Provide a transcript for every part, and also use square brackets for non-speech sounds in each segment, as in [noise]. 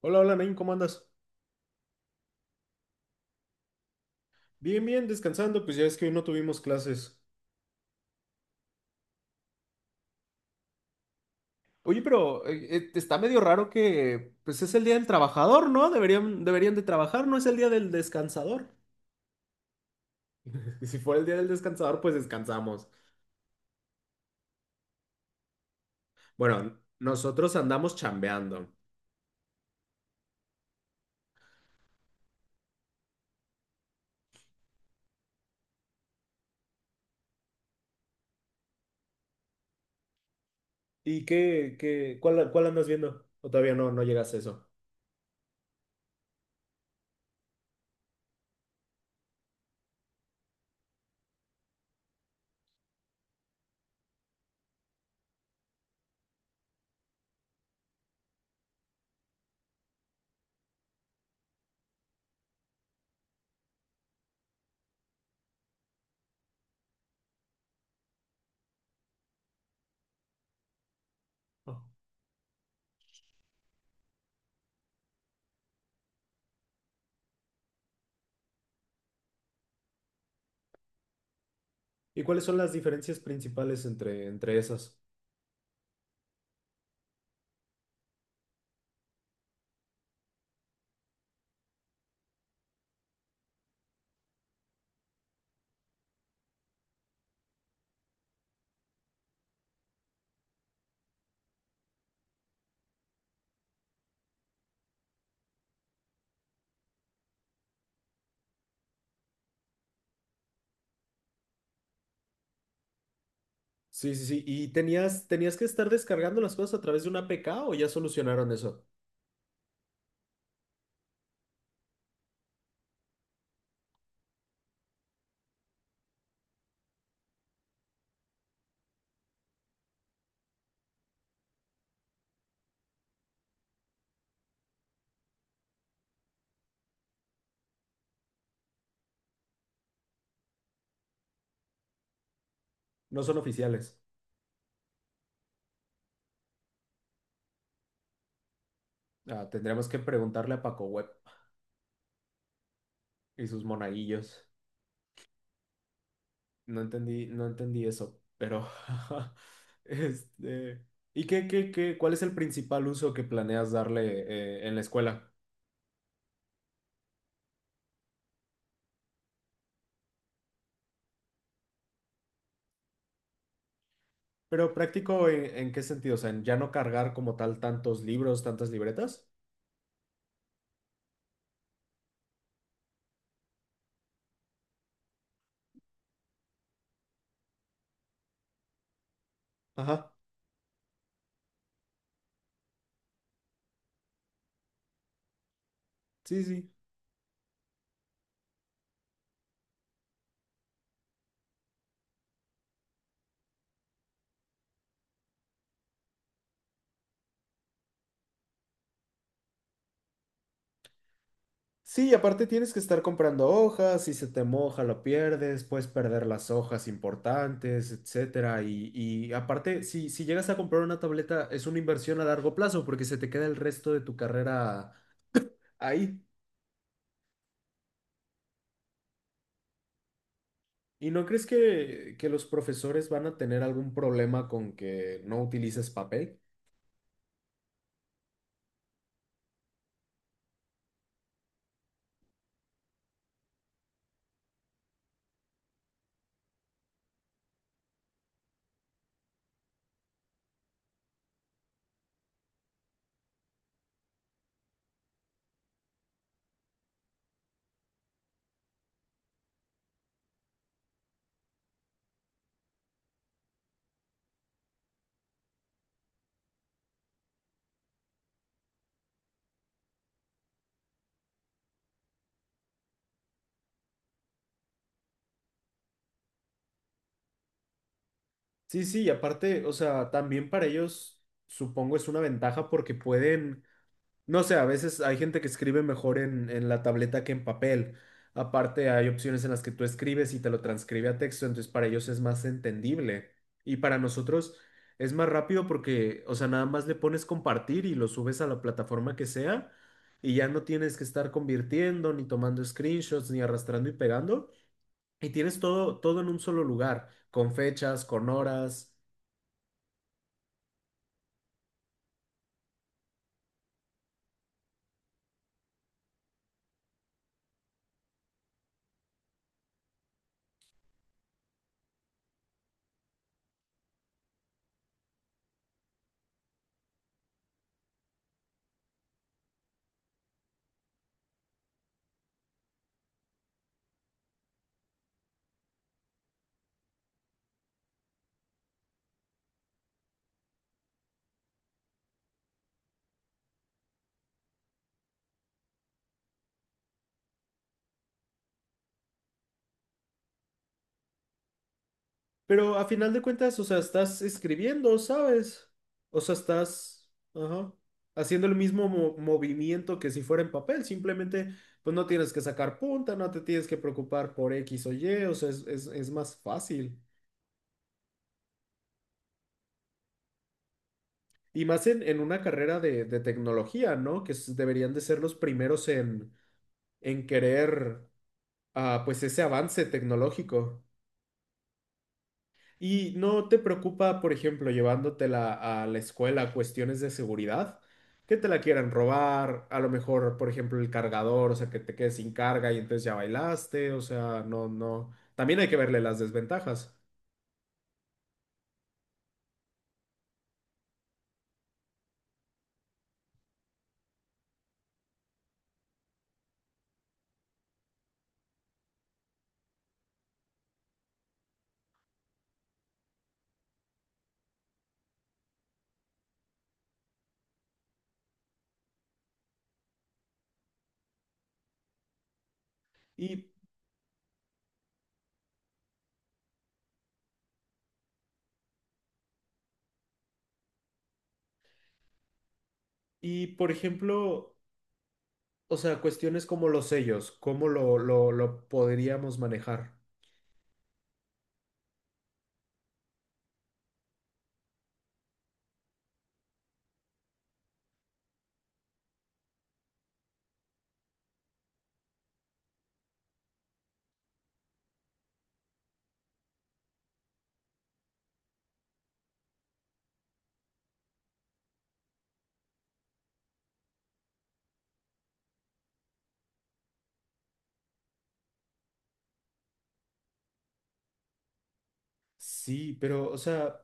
Hola, hola, Nain, ¿cómo andas? Bien, bien, descansando, pues ya es que hoy no tuvimos clases. Oye, pero está medio raro que pues es el día del trabajador, ¿no? Deberían de trabajar, no es el día del descansador. [laughs] Si fuera el día del descansador, pues descansamos. Bueno, nosotros andamos chambeando. ¿Y cuál andas viendo? ¿O todavía no llegas a eso? Oh. ¿Y cuáles son las diferencias principales entre esas? Sí, sí, sí. ¿Y tenías que estar descargando las cosas a través de una APK o ya solucionaron eso? No son oficiales. Ah, tendremos que preguntarle a Paco Web y sus monaguillos. No entendí eso, pero [laughs] este, ¿y cuál es el principal uso que planeas darle en la escuela? Pero práctico en qué sentido, o sea, en ya no cargar como tal tantos libros, tantas libretas. Ajá. Sí, sí. Sí, y aparte tienes que estar comprando hojas, si se te moja lo pierdes, puedes perder las hojas importantes, etcétera. Y aparte, si, si llegas a comprar una tableta, es una inversión a largo plazo porque se te queda el resto de tu carrera ahí. ¿Y no crees que los profesores van a tener algún problema con que no utilices papel? Sí, sí, y aparte, o sea, también para ellos supongo es una ventaja porque pueden. No sé, a veces hay gente que escribe mejor en la tableta que en papel. Aparte, hay opciones en las que tú escribes y te lo transcribe a texto, entonces para ellos es más entendible. Y para nosotros es más rápido porque, o sea, nada más le pones compartir y lo subes a la plataforma que sea y ya no tienes que estar convirtiendo, ni tomando screenshots, ni arrastrando y pegando. Y tienes todo, todo en un solo lugar, con fechas, con horas. Pero a final de cuentas, o sea, estás escribiendo, ¿sabes? O sea, estás, ajá, haciendo el mismo movimiento que si fuera en papel. Simplemente, pues no tienes que sacar punta, no te tienes que preocupar por X o Y, o sea, es, es más fácil. Y más en una carrera de tecnología, ¿no? Que deberían de ser los primeros en querer, pues, ese avance tecnológico. ¿Y no te preocupa, por ejemplo, llevándotela a la escuela cuestiones de seguridad? Que te la quieran robar, a lo mejor, por ejemplo, el cargador, o sea, que te quedes sin carga y entonces ya bailaste, o sea, no, no. También hay que verle las desventajas. Y, y por ejemplo, o sea, cuestiones como los sellos, ¿cómo lo podríamos manejar? Sí, pero, o sea,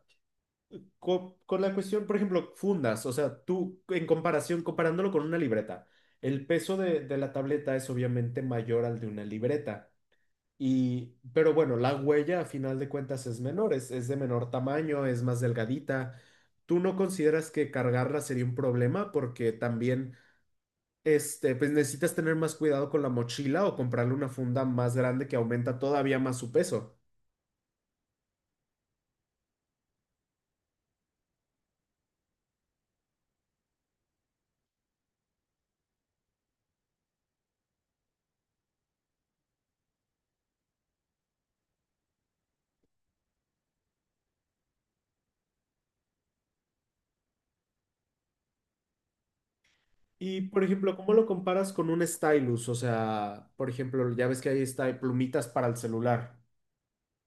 con, la cuestión, por ejemplo, fundas, o sea, tú en comparación, comparándolo con una libreta, el peso de la tableta es obviamente mayor al de una libreta. Y, pero bueno, la huella a final de cuentas es menor, es de menor tamaño, es más delgadita. ¿Tú no consideras que cargarla sería un problema? Porque también, este, pues necesitas tener más cuidado con la mochila o comprarle una funda más grande que aumenta todavía más su peso. Y, por ejemplo, ¿cómo lo comparas con un stylus? O sea, por ejemplo, ya ves que ahí está plumitas para el celular.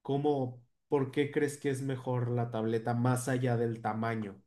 ¿Cómo, por qué crees que es mejor la tableta más allá del tamaño?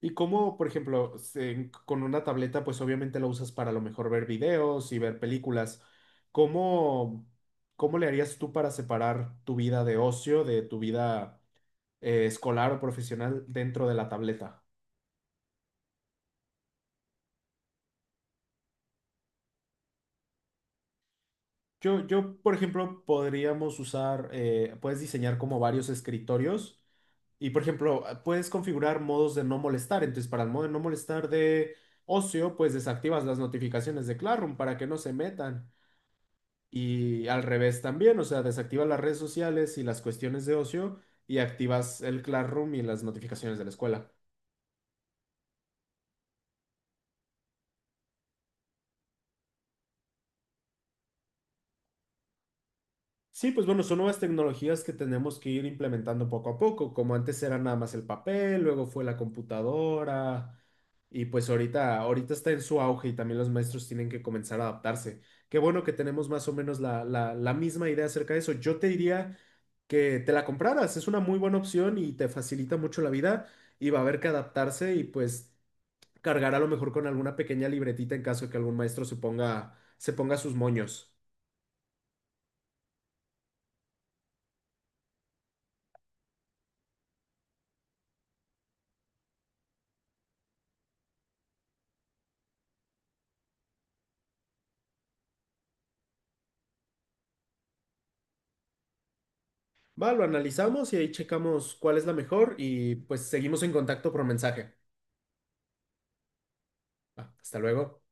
Y cómo, por ejemplo, con una tableta, pues obviamente la usas para a lo mejor ver videos y ver películas. ¿Cómo, cómo le harías tú para separar tu vida de ocio de tu vida escolar o profesional dentro de la tableta? Por ejemplo, podríamos usar, puedes diseñar como varios escritorios y, por ejemplo, puedes configurar modos de no molestar. Entonces, para el modo de no molestar de ocio, pues desactivas las notificaciones de Classroom para que no se metan. Y al revés también, o sea, desactivas las redes sociales y las cuestiones de ocio y activas el Classroom y las notificaciones de la escuela. Sí, pues bueno, son nuevas tecnologías que tenemos que ir implementando poco a poco, como antes era nada más el papel, luego fue la computadora. Y pues ahorita, ahorita está en su auge y también los maestros tienen que comenzar a adaptarse. Qué bueno que tenemos más o menos la misma idea acerca de eso. Yo te diría que te la compraras, es una muy buena opción y te facilita mucho la vida y va a haber que adaptarse y pues cargar a lo mejor con alguna pequeña libretita en caso de que algún maestro se ponga sus moños. Va, lo analizamos y ahí checamos cuál es la mejor y pues seguimos en contacto por mensaje. Va, hasta luego.